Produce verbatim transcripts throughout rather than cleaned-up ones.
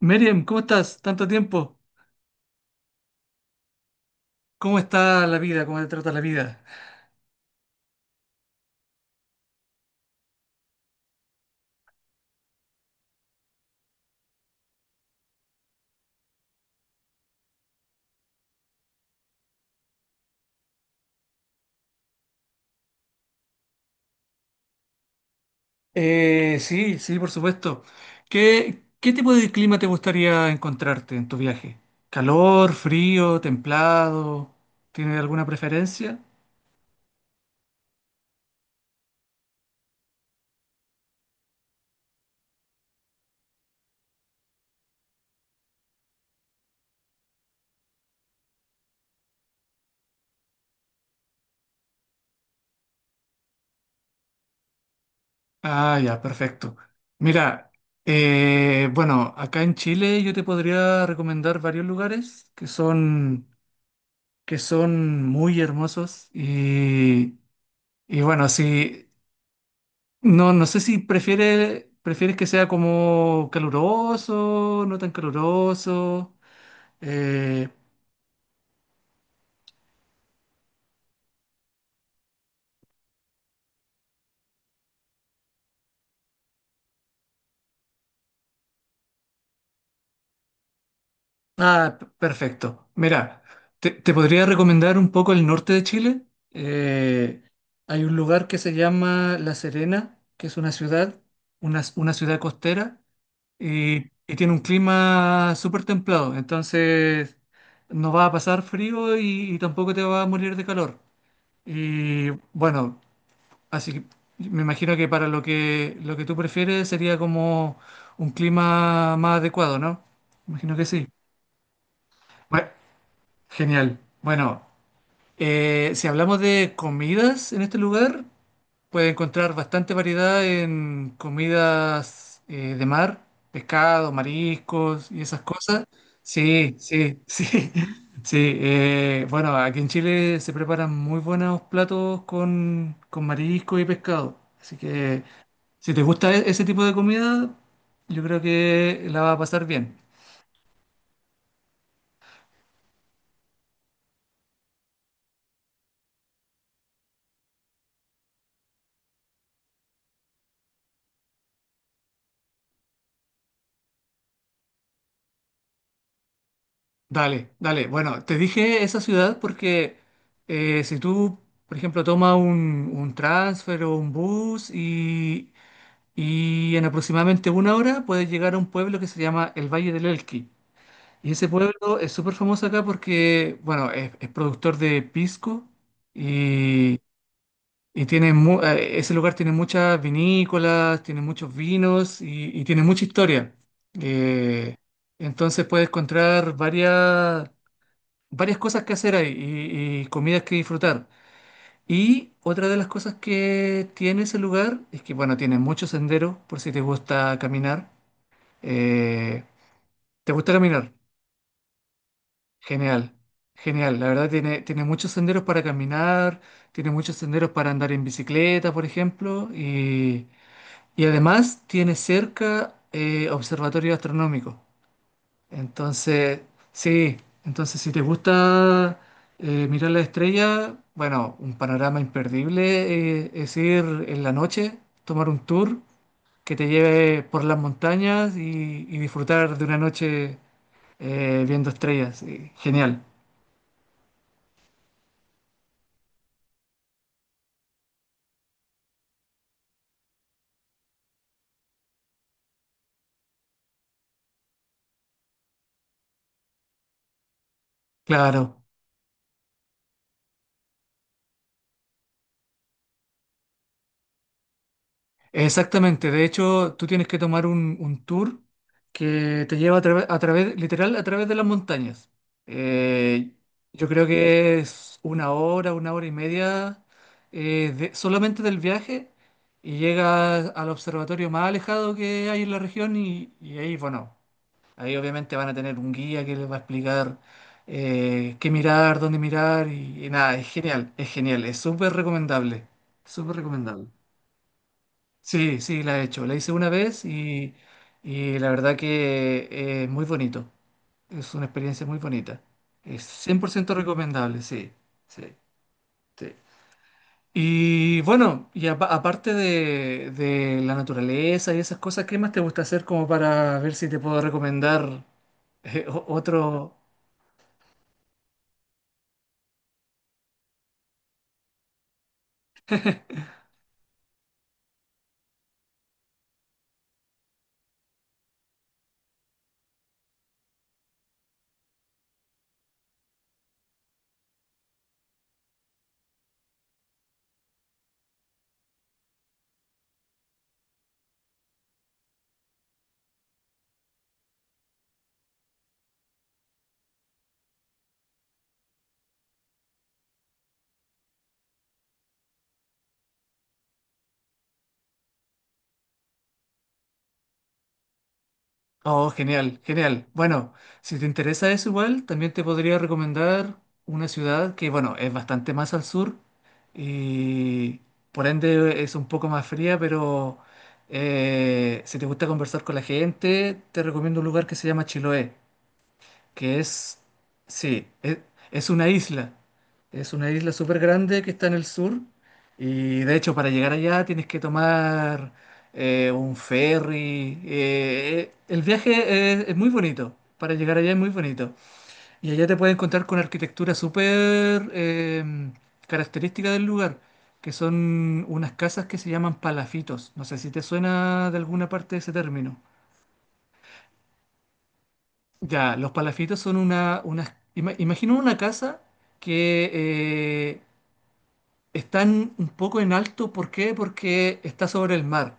Miriam, ¿cómo estás? Tanto tiempo. ¿Cómo está la vida? ¿Cómo te trata la vida? Eh, sí, sí, por supuesto. ¿Qué, qué tipo de clima te gustaría encontrarte en tu viaje? ¿Calor, frío, templado? ¿Tienes alguna preferencia? Ah, ya, perfecto. Mira, eh, bueno, acá en Chile yo te podría recomendar varios lugares que son, que son muy hermosos y, y bueno, sí. No, no sé si prefiere, prefieres que sea como caluroso, no tan caluroso. eh, ah, p- Perfecto. Mira, te, te podría recomendar un poco el norte de Chile. Eh, Hay un lugar que se llama La Serena, que es una ciudad, una, una ciudad costera, y, y tiene un clima súper templado. Entonces, no va a pasar frío y, y tampoco te va a morir de calor. Y bueno. Así que me imagino que para lo que, lo que tú prefieres sería como un clima más adecuado, ¿no? Imagino que sí. Bueno, genial. Bueno, eh, si hablamos de comidas en este lugar. Puedes encontrar bastante variedad en comidas eh, de mar, pescado, mariscos y esas cosas. Sí, sí, sí, sí. Eh, bueno, aquí en Chile se preparan muy buenos platos con, con marisco y pescado. Así que si te gusta e- ese tipo de comida, yo creo que la va a pasar bien. Dale, dale. Bueno, te dije esa ciudad porque eh, si tú, por ejemplo, tomas un, un transfer o un bus y, Y en aproximadamente una hora puedes llegar a un pueblo que se llama el Valle del Elqui. Y ese pueblo es súper famoso acá porque, bueno, es, es productor de pisco y, y tiene mu- eh, ese lugar tiene muchas vinícolas, tiene muchos vinos y, y tiene mucha historia. Eh, entonces puedes encontrar varias, varias cosas que hacer ahí y, y comidas que disfrutar. Y otra de las cosas que tiene ese lugar es que, bueno, tiene muchos senderos por si te gusta caminar. Eh, ¿Te gusta caminar? Genial, genial. La verdad tiene, tiene muchos senderos para caminar, tiene muchos senderos para andar en bicicleta, por ejemplo, y, y además tiene cerca eh, observatorio astronómico. Entonces, sí, entonces si te gusta eh, mirar la estrella, bueno, un panorama imperdible eh, es ir en la noche, tomar un tour que te lleve por las montañas y y disfrutar de una noche eh, viendo estrellas. Eh, genial, claro. Exactamente. De hecho, tú tienes que tomar un, un tour que te lleva a, trave- a través, literal, a través de las montañas. Eh, yo creo que es una hora, una hora y media eh, de- solamente del viaje y llegas al observatorio más alejado que hay en la región y, y ahí, bueno. Ahí obviamente van a tener un guía que les va a explicar eh, qué mirar, dónde mirar y, y nada, es genial, es genial, es súper recomendable, súper recomendable. Sí, sí, la he hecho, la hice una vez y, y la verdad que eh, es muy bonito, es una experiencia muy bonita, es cien por ciento recomendable, sí, sí, sí. Y bueno, y apa- aparte de, de la naturaleza y esas cosas, ¿qué más te gusta hacer como para ver si te puedo recomendar eh, o- otro? Oh, genial, genial. Bueno, si te interesa eso igual, también te podría recomendar una ciudad que, bueno, es bastante más al sur y por ende es un poco más fría, pero eh, si te gusta conversar con la gente, te recomiendo un lugar que se llama Chiloé que es, sí, es, es una isla. Es una isla súper grande que está en el sur y de hecho para llegar allá tienes que tomar eh, un ferry. Eh, eh, el viaje es, es muy bonito. Para llegar allá es muy bonito. Y allá te puedes encontrar con arquitectura súper eh, característica del lugar, que son unas casas que se llaman palafitos. No sé si te suena de alguna parte ese término. Ya, los palafitos son una, unas- ima- imagino una casa que eh, están un poco en alto. ¿Por qué? Porque está sobre el mar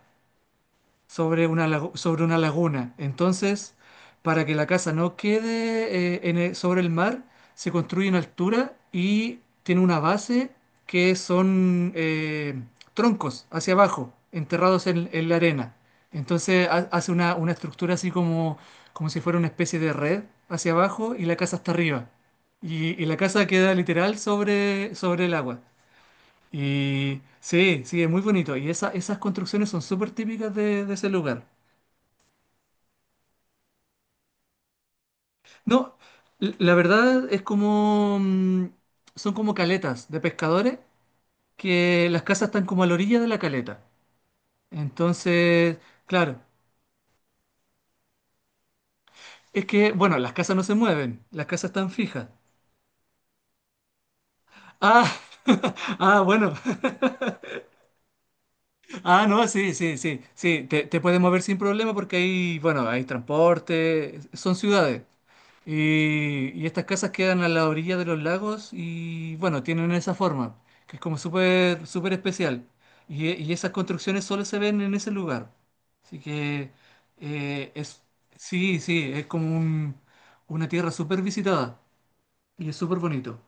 sobre una, lagu- sobre una laguna. Entonces, para que la casa no quede eh, en el- sobre el mar, se construye en altura y tiene una base que son eh, troncos hacia abajo, enterrados en, en la arena. Entonces ha- hace una, una estructura así como, como si fuera una especie de red hacia abajo y la casa hasta arriba. Y, y la casa queda literal sobre, sobre, el agua. Y sí, sí, es muy bonito. Y esa- esas construcciones son súper típicas de, de ese lugar. No, l- la verdad es como, mm, son como caletas de pescadores que las casas están como a la orilla de la caleta. Entonces, claro, es que, bueno, las casas no se mueven, las casas están fijas. Ah, ah, bueno. Ah, no, sí, sí, sí, sí, te, te puedes mover sin problema porque hay, bueno, hay transporte, son ciudades. Y, y estas casas quedan a la orilla de los lagos y, bueno, tienen esa forma, que es como súper, súper especial. Y, y esas construcciones solo se ven en ese lugar. Así que, eh, es, sí, sí, es como un- una tierra súper visitada y es súper bonito.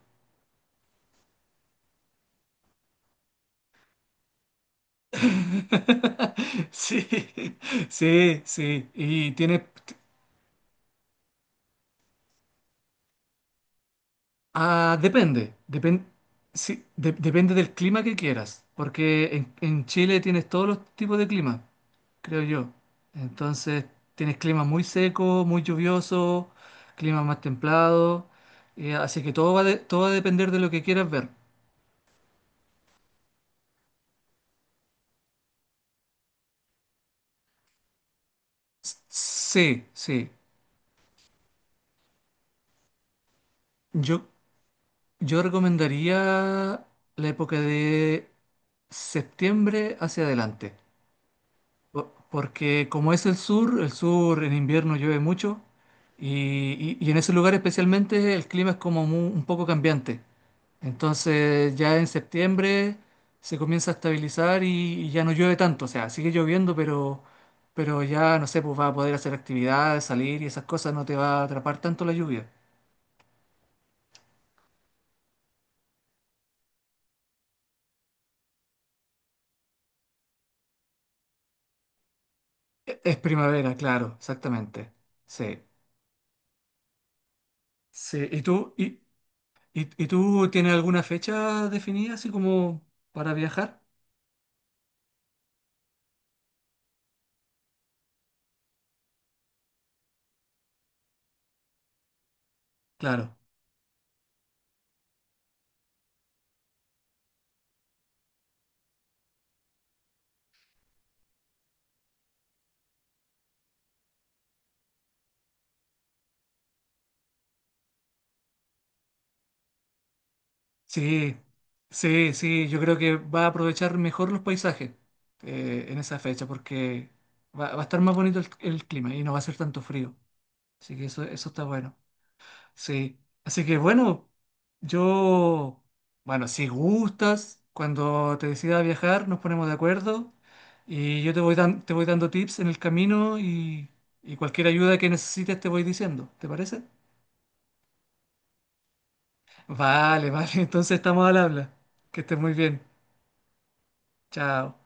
Sí, sí, sí. Y tiene. Ah, depende, depen- sí, de- depende del clima que quieras, porque en, en Chile tienes todos los tipos de clima, creo yo. Entonces, tienes clima muy seco, muy lluvioso, clima más templado, eh, así que todo va, de- todo va a depender de lo que quieras ver. Sí, sí. Yo, yo recomendaría la época de septiembre hacia adelante. Po- Porque como es el sur, el sur en invierno llueve mucho y, y- y en ese lugar especialmente el clima es como mu- un poco cambiante. Entonces ya en septiembre se comienza a estabilizar y, y ya no llueve tanto. O sea, sigue lloviendo, pero, pero, ya no sé, pues vas a poder hacer actividades, salir y esas cosas, no te va a atrapar tanto la lluvia. E- Es primavera, claro, exactamente. Sí. Sí. ¿Y tú, y, y, y tú tienes alguna fecha definida así como para viajar? Claro, sí, sí, sí, yo creo que va a aprovechar mejor los paisajes eh, en esa fecha porque va, va a estar más bonito el, el clima y no va a ser tanto frío. Así que eso, eso está bueno. Sí, así que bueno, yo, bueno, si gustas, cuando te decidas viajar nos ponemos de acuerdo y yo te voy, dan- te voy dando tips en el camino y, y cualquier ayuda que necesites te voy diciendo, ¿te parece? Vale, vale, entonces estamos al habla. Que estés muy bien. Chao.